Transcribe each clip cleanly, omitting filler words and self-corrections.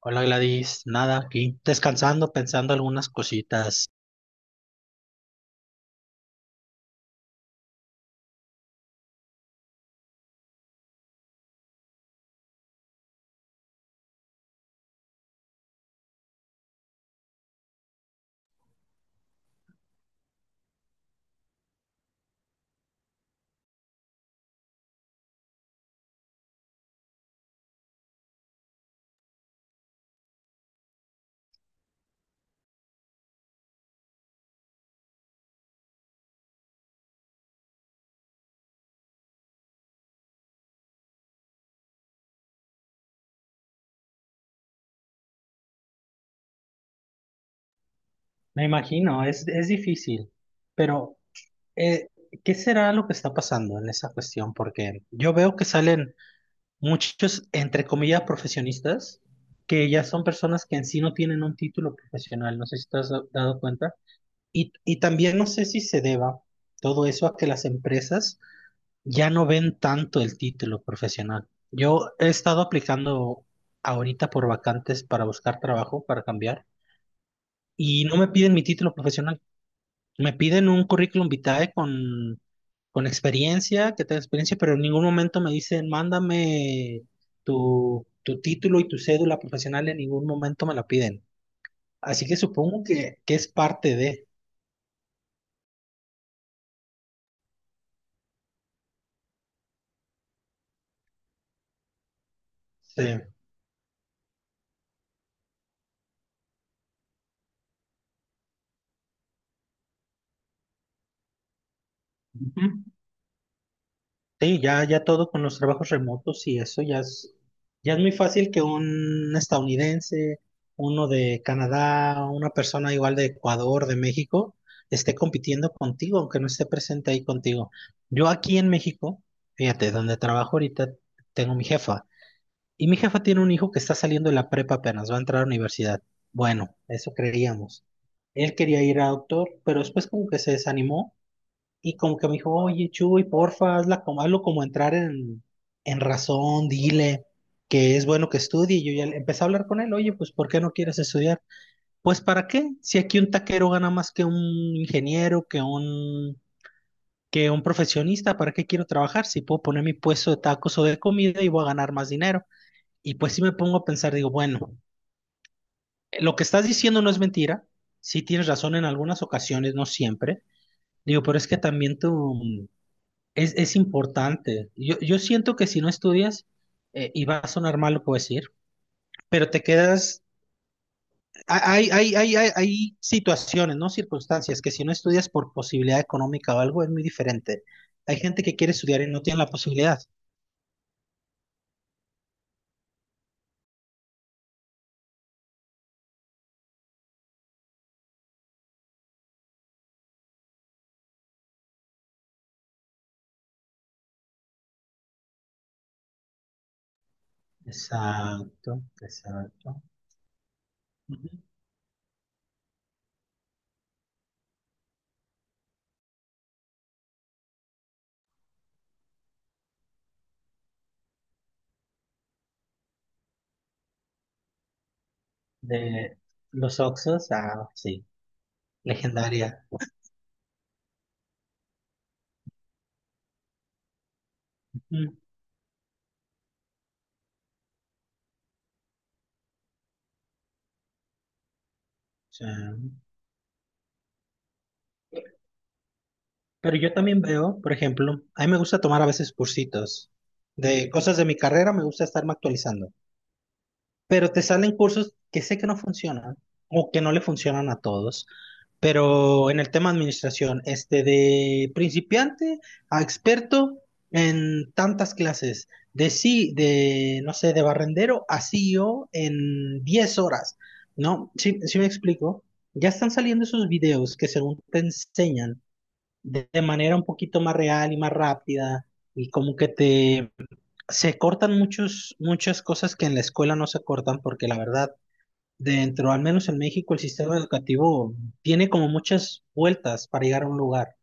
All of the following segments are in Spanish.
Hola Gladys, nada, aquí descansando, pensando algunas cositas. Me imagino, es difícil, pero eh, ¿qué será lo que está pasando en esa cuestión? Porque yo veo que salen muchos, entre comillas, profesionistas, que ya son personas que en sí no tienen un título profesional, no sé si te has dado cuenta. Y también no sé si se deba todo eso a que las empresas ya no ven tanto el título profesional. Yo he estado aplicando ahorita por vacantes para buscar trabajo, para cambiar, y no me piden mi título profesional. Me piden un currículum vitae con experiencia, que tenga experiencia, pero en ningún momento me dicen, mándame tu título y tu cédula profesional, en ningún momento me la piden. Así que supongo que es parte de. Sí. Ujú. Sí, ya, ya todo con los trabajos remotos y eso ya es muy fácil que un estadounidense, uno de Canadá, una persona igual de Ecuador, de México, esté compitiendo contigo, aunque no esté presente ahí contigo. Yo aquí en México, fíjate, donde trabajo ahorita, tengo mi jefa. Y mi jefa tiene un hijo que está saliendo de la prepa apenas, va a entrar a la universidad. Bueno, eso creíamos. Él quería ir a doctor, pero después como que se desanimó y como que me dijo, oye, Chuy, porfa, hazla como, hazlo como entrar en razón, dile que es bueno que estudie. Y yo ya empecé a hablar con él, oye, pues, ¿por qué no quieres estudiar? Pues, ¿para qué? Si aquí un taquero gana más que un ingeniero, que un profesionista, ¿para qué quiero trabajar? Si puedo poner mi puesto de tacos o de comida y voy a ganar más dinero. Y pues sí me pongo a pensar, digo, bueno, lo que estás diciendo no es mentira, sí tienes razón en algunas ocasiones, no siempre. Digo, pero es que también tú. Es importante. Yo siento que si no estudias, y va a sonar mal lo que voy a decir, pero te quedas, hay situaciones, ¿no? Circunstancias que si no estudias por posibilidad económica o algo es muy diferente. Hay gente que quiere estudiar y no tiene la posibilidad. Exacto, exacto. Ujú. De los Oxos, ah, sí, legendaria. Ujú, sí. Pero yo también veo, por ejemplo, a mí me gusta tomar a veces cursitos de cosas de mi carrera, me gusta estarme actualizando. Pero te salen cursos que sé que no funcionan o que no le funcionan a todos, pero en el tema administración, este de principiante a experto en tantas clases, de sí, de no sé, de barrendero a CEO en 10 horas, ¿no? Sí, sí me explico. Ya están saliendo esos videos que según te enseñan de manera un poquito más real y más rápida y como que te se cortan muchos, muchas cosas que en la escuela no se cortan porque la verdad dentro, al menos en México, el sistema educativo tiene como muchas vueltas para llegar a un lugar.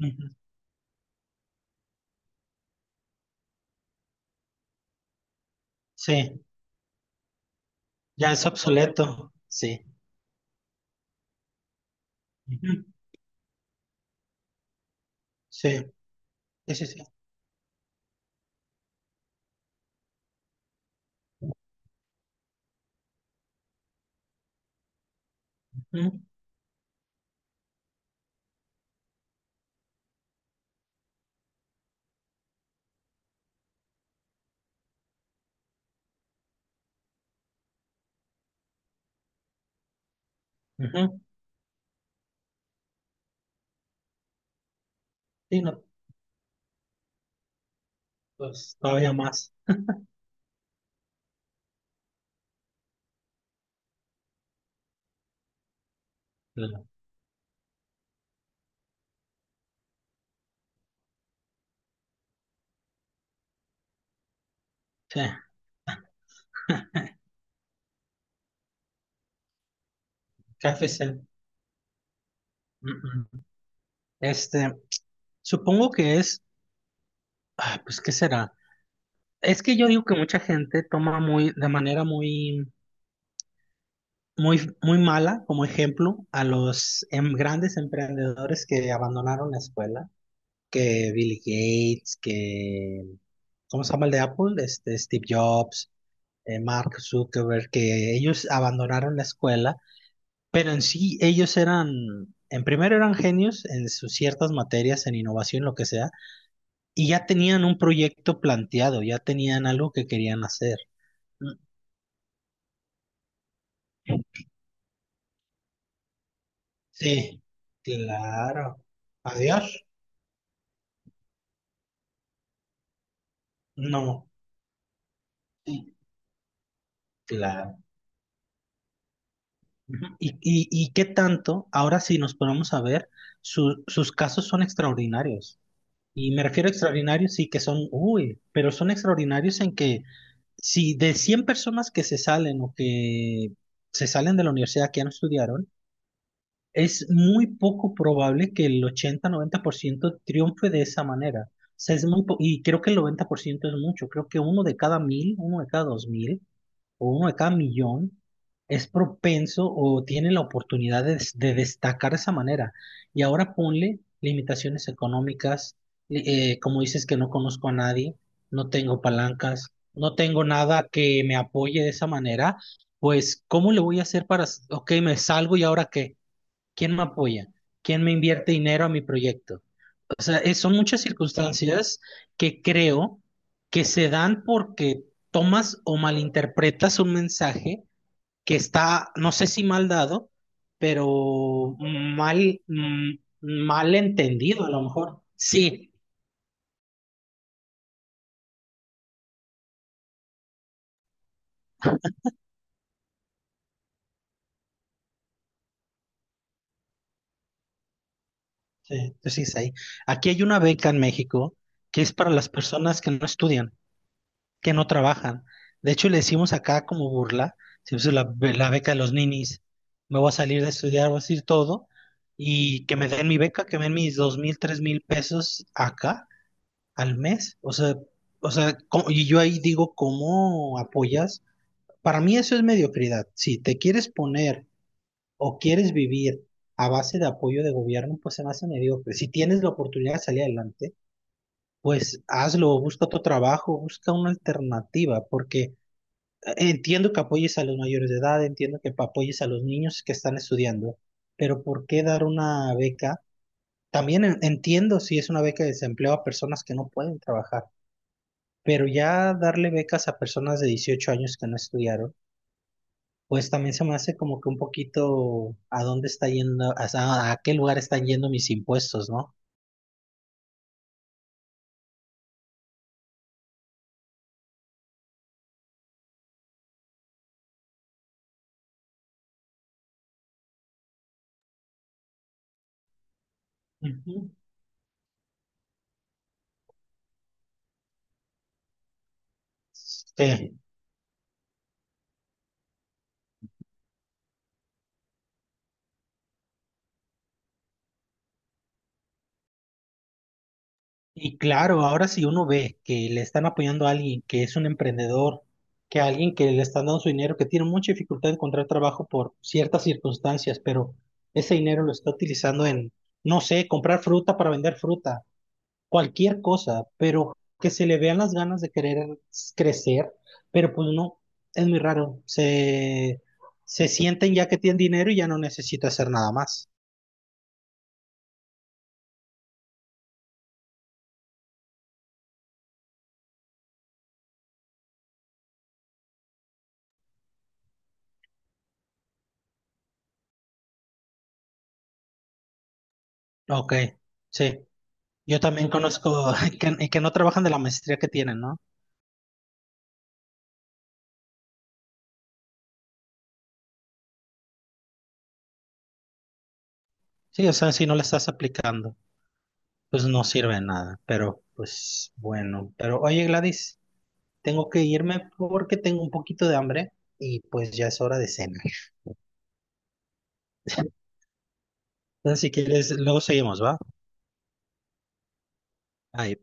Ujú. Sí, ya es obsoleto. Sí. Ujú. Sí, sí, sí. Sí. Ujú. Ujú. Sí, no, pues todavía más. Claro. Sí. KFC. Mm, mm. Este, supongo que es, ah, pues, ¿qué será? Es que yo digo que mucha gente toma muy, de manera muy, muy, muy mala como ejemplo a los grandes emprendedores que abandonaron la escuela, que Bill Gates, que, ¿cómo se llama el de Apple? Este, Steve Jobs, Mark Zuckerberg, que ellos abandonaron la escuela, pero en sí ellos eran, en primero eran genios en sus ciertas materias, en innovación, lo que sea, y ya tenían un proyecto planteado, ya tenían algo que querían hacer. Mm, sí, claro. Adiós. No, sí, claro. Ujú. ¿Y qué tanto, ahora sí nos ponemos a ver, sus casos son extraordinarios? Y me refiero a extraordinarios, sí que son, uy, pero son extraordinarios en que si de 100 personas que se salen o que se salen de la universidad que ya no estudiaron, es muy poco probable que el 80-90% triunfe de esa manera. O sea, es muy y creo que el 90% es mucho, creo que uno de cada mil, uno de cada dos mil o uno de cada millón es propenso o tiene la oportunidad de, de destacar de esa manera. Y ahora ponle limitaciones económicas, li- como dices, que no conozco a nadie, no tengo palancas, no tengo nada que me apoye de esa manera, pues ¿cómo le voy a hacer para, ok, me salgo y ahora qué? ¿Quién me apoya? ¿Quién me invierte dinero a mi proyecto? O sea, son muchas circunstancias que creo que se dan porque tomas o malinterpretas un mensaje que está, no sé si mal dado, pero mal, mal entendido a lo mejor. Sí, sí, sí, sí. Es ahí. Aquí hay una beca en México que es para las personas que no estudian, que no trabajan. De hecho, le decimos acá como burla, si es la beca de los ninis, me voy a salir de estudiar, voy a decir todo, y que me den mi beca, que me den mis 2,000, 3,000 pesos acá al mes. O sea, y yo ahí digo, ¿cómo apoyas? Para mí eso es mediocridad. Si te quieres poner o quieres vivir a base de apoyo de gobierno, pues se me hace mediocre. Si tienes la oportunidad de salir adelante, pues hazlo, busca otro trabajo, busca una alternativa, porque entiendo que apoyes a los mayores de edad, entiendo que apoyes a los niños que están estudiando, pero ¿por qué dar una beca? También entiendo si es una beca de desempleo a personas que no pueden trabajar, pero ya darle becas a personas de 18 años que no estudiaron, pues también se me hace como que un poquito a dónde está yendo, a qué lugar están yendo mis impuestos, ¿no? Ujú. Sí. Y claro, ahora si uno ve que le están apoyando a alguien que es un emprendedor, que a alguien que le están dando su dinero, que tiene mucha dificultad de encontrar trabajo por ciertas circunstancias, pero ese dinero lo está utilizando en, no sé, comprar fruta para vender fruta, cualquier cosa, pero que se le vean las ganas de querer crecer, pero pues no, es muy raro. Se sienten ya que tienen dinero y ya no necesita hacer nada más. Ok, sí. Yo también conozco que, y que no trabajan de la maestría que tienen, ¿no? Sí, o sea, si no la estás aplicando, pues no sirve de nada, pero pues bueno. Pero oye, Gladys, tengo que irme porque tengo un poquito de hambre y pues ya es hora de cenar. Entonces, si quieres, luego seguimos, ¿va? Bye.